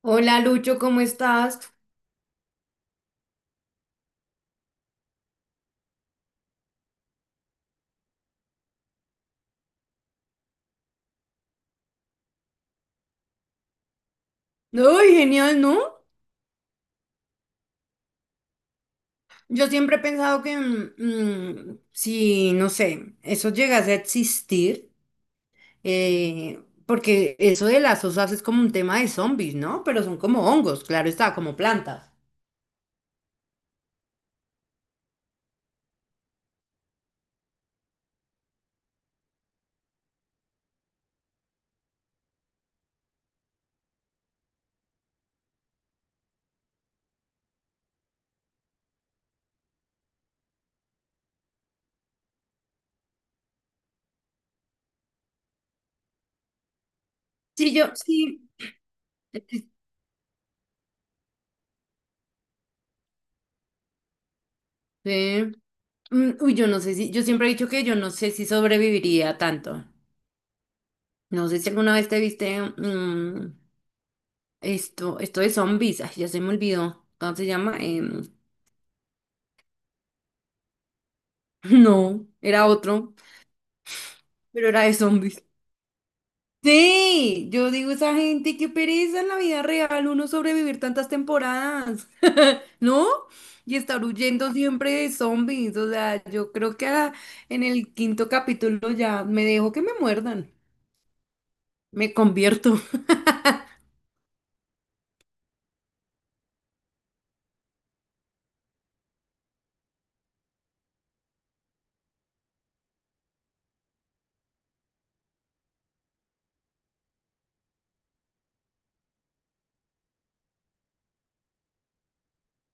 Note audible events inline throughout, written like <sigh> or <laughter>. Hola Lucho, ¿cómo estás? Ay, genial, ¿no? Yo siempre he pensado que si, no sé, eso llegase a existir, porque eso de las osas es como un tema de zombies, ¿no? Pero son como hongos, claro está, como plantas. Sí, yo, sí. Sí. Uy, yo no sé si, yo siempre he dicho que yo no sé si sobreviviría tanto. No sé si alguna vez te viste esto de zombies, ay, ya se me olvidó, ¿cómo se llama? <laughs> No, era otro, pero era de zombies. Sí, yo digo esa gente, qué pereza en la vida real uno sobrevivir tantas temporadas, <laughs> ¿no? Y estar huyendo siempre de zombies, o sea, yo creo que en el quinto capítulo ya me dejo que me muerdan, me convierto. <laughs>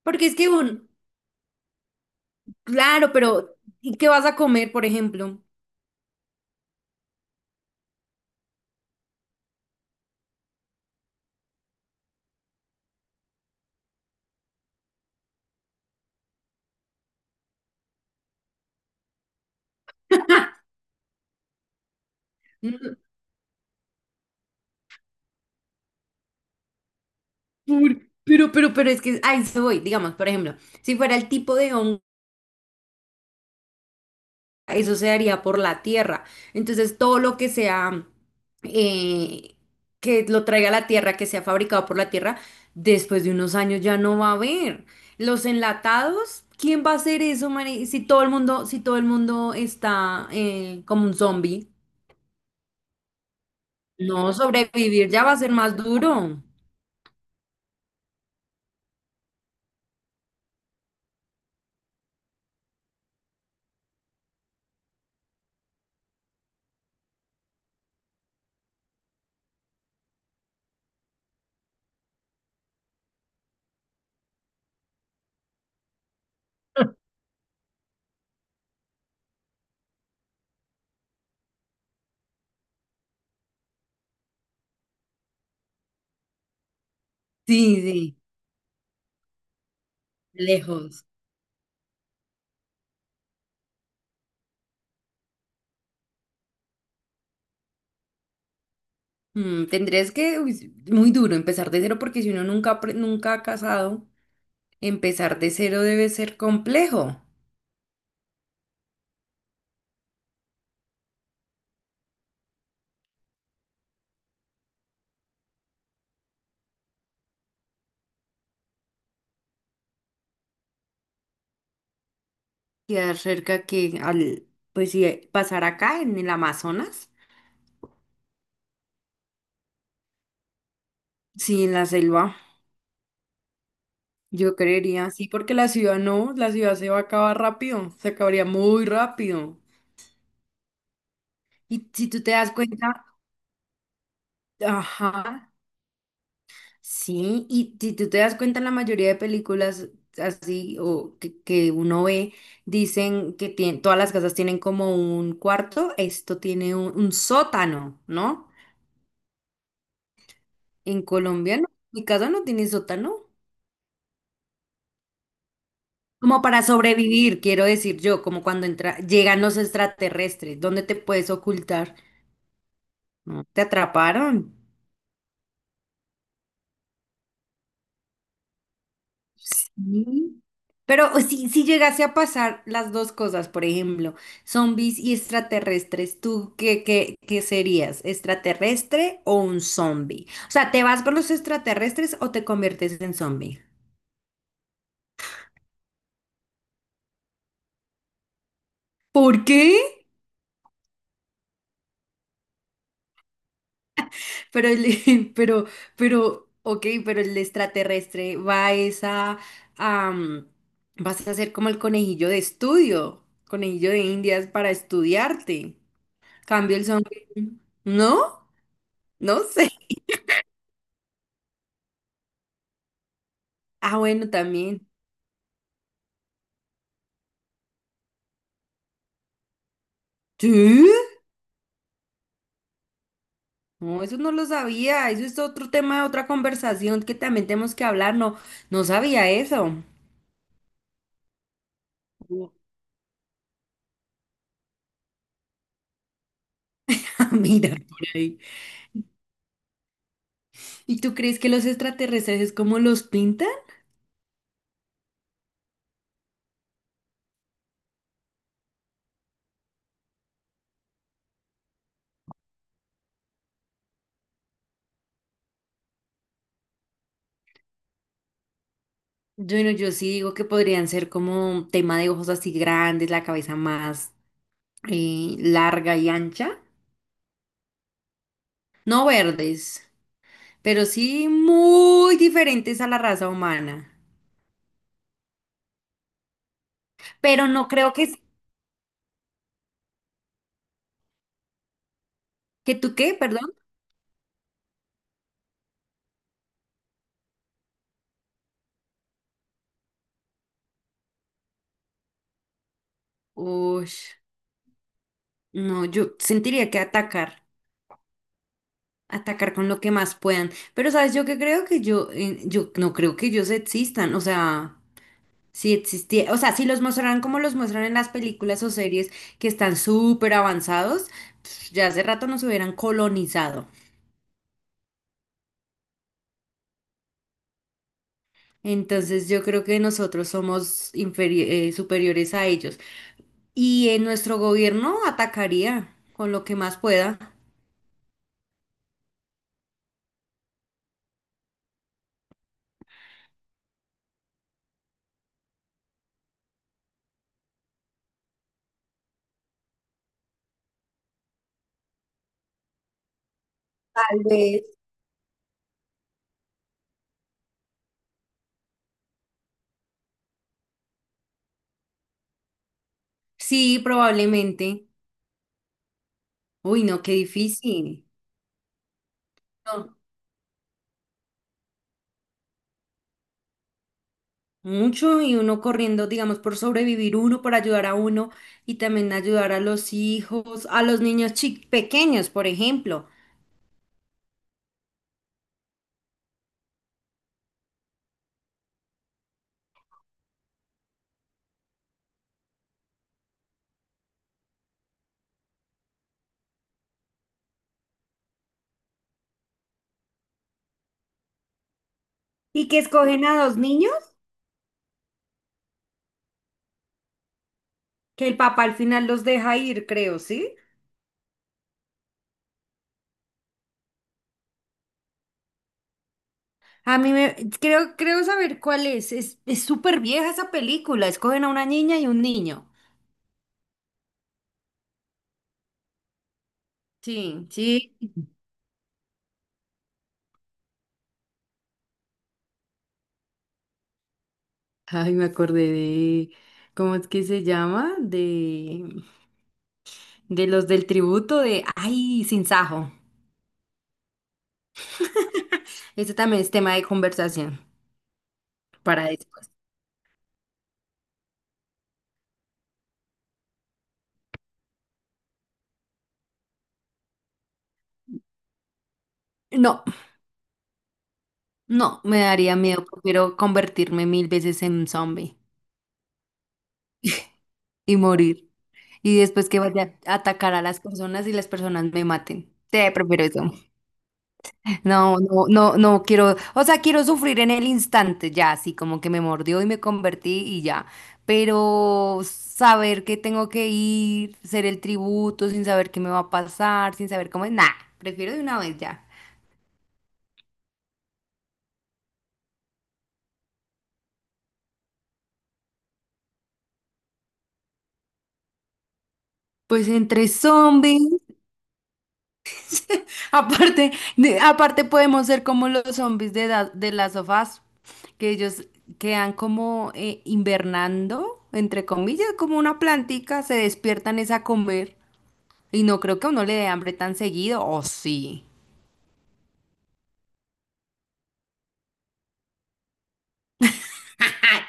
Porque es que, claro, pero ¿y qué vas a comer, por ejemplo? Mm, pero es que, ahí se voy, digamos, por ejemplo, si fuera el tipo de hongo. Eso se daría por la tierra. Entonces, todo lo que sea, eh, que lo traiga la tierra, que sea fabricado por la tierra, después de unos años ya no va a haber. Los enlatados, ¿quién va a hacer eso, Mari? Si todo el mundo está como un zombie, no sobrevivir ya va a ser más duro. Sí, sí, lejos. Tendrías que, uy, muy duro, empezar de cero, porque si uno nunca, nunca ha casado, empezar de cero debe ser complejo. Queda cerca que al, pues sí, pasar acá en el Amazonas. Sí, en la selva, yo creería, sí, porque la ciudad no, la ciudad se va a acabar rápido, se acabaría muy rápido. Y si tú te das cuenta, ajá, sí, y si tú te das cuenta, la mayoría de películas así o que uno ve, dicen que todas las casas tienen como un cuarto, esto tiene un sótano, ¿no? En Colombia no, mi casa no tiene sótano. Como para sobrevivir, quiero decir yo, como cuando llegan los extraterrestres, ¿dónde te puedes ocultar? No, ¿Te atraparon? Sí. Pero o si llegase a pasar las dos cosas, por ejemplo, zombies y extraterrestres, ¿tú qué serías? ¿Extraterrestre o un zombie? O sea, ¿te vas con los extraterrestres o te conviertes en zombie? ¿Por qué? Pero el, <laughs> pero, ok, pero el extraterrestre va a esa, am, vas a ser como el conejillo de estudio, conejillo de Indias para estudiarte. Cambio el zombie. ¿No? No sé. <laughs> Ah, bueno, también. ¿Sí? No, eso no lo sabía. Eso es otro tema de otra conversación que también tenemos que hablar. No, no sabía eso. <laughs> Mira por ahí. ¿Y tú crees que los extraterrestres es como los pintan? Yo, no- yo sí digo que podrían ser como tema de ojos así grandes, la cabeza más larga y ancha. No verdes, pero sí muy diferentes a la raza humana. Pero no creo que, tú qué, perdón. Uy, no, yo sentiría que atacar con lo que más puedan. Pero sabes, yo que creo que yo no creo que ellos existan. O sea. Si existía, o sea, si los mostraran como los muestran en las películas o series que están súper avanzados, ya hace rato nos hubieran colonizado. Entonces yo creo que nosotros somos superiores a ellos. Y en nuestro gobierno atacaría con lo que más pueda. Tal vez. Sí, probablemente. Uy, no, qué difícil. Mucho y uno corriendo, digamos, por sobrevivir uno, por ayudar a uno y también ayudar a los hijos, a los niños pequeños, por ejemplo, y que escogen a dos niños que el papá al final los deja ir, creo, ¿sí? A mí creo saber cuál es. Es súper vieja esa película. Escogen a una niña y un niño. Sí, sí. Ay, me acordé de, ¿cómo es que se llama? De los del tributo de, ay, Sinsajo. Ese también es tema de conversación. Para después. No, no, me daría miedo. Prefiero convertirme mil veces en zombie y morir. Y después que vaya a atacar a las personas y las personas me maten. Sí, prefiero eso. <laughs> No, no, no, no quiero. O sea, quiero sufrir en el instante ya, así como que me mordió y me convertí y ya. Pero saber que tengo que ir, ser el tributo sin saber qué me va a pasar, sin saber cómo es. Nah, prefiero de una vez ya. Pues entre zombies. Aparte, aparte podemos ser como los zombies de, de las sofás, que ellos quedan como invernando, entre comillas, como una plantica, se despiertan es a comer. Y no creo que a uno le dé hambre tan seguido, o sí.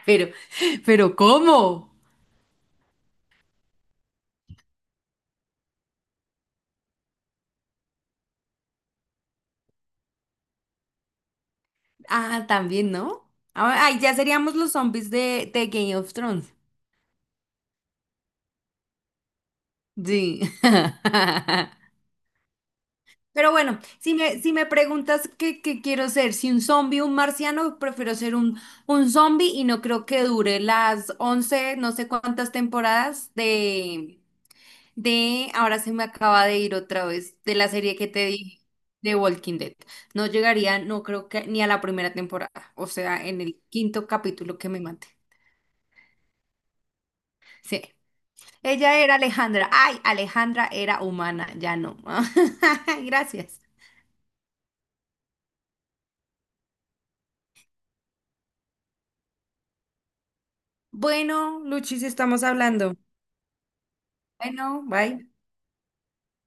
Pero, pero ¿cómo? Ah, también, ¿no? Ah, Ay, ya seríamos los zombies de, Game of Thrones. Sí. <laughs> Pero bueno, si me preguntas qué quiero ser, si un zombie o un marciano, prefiero ser un zombie y no creo que dure las 11 no sé cuántas temporadas ahora se me acaba de ir otra vez, de la serie que te dije, de Walking Dead. No llegaría, no creo que ni a la primera temporada, o sea, en el quinto capítulo que me mate. Sí, ella era Alejandra. Ay, Alejandra era humana, ya no. <laughs> Gracias. Bueno, Luchi, si estamos hablando. Bueno, bye.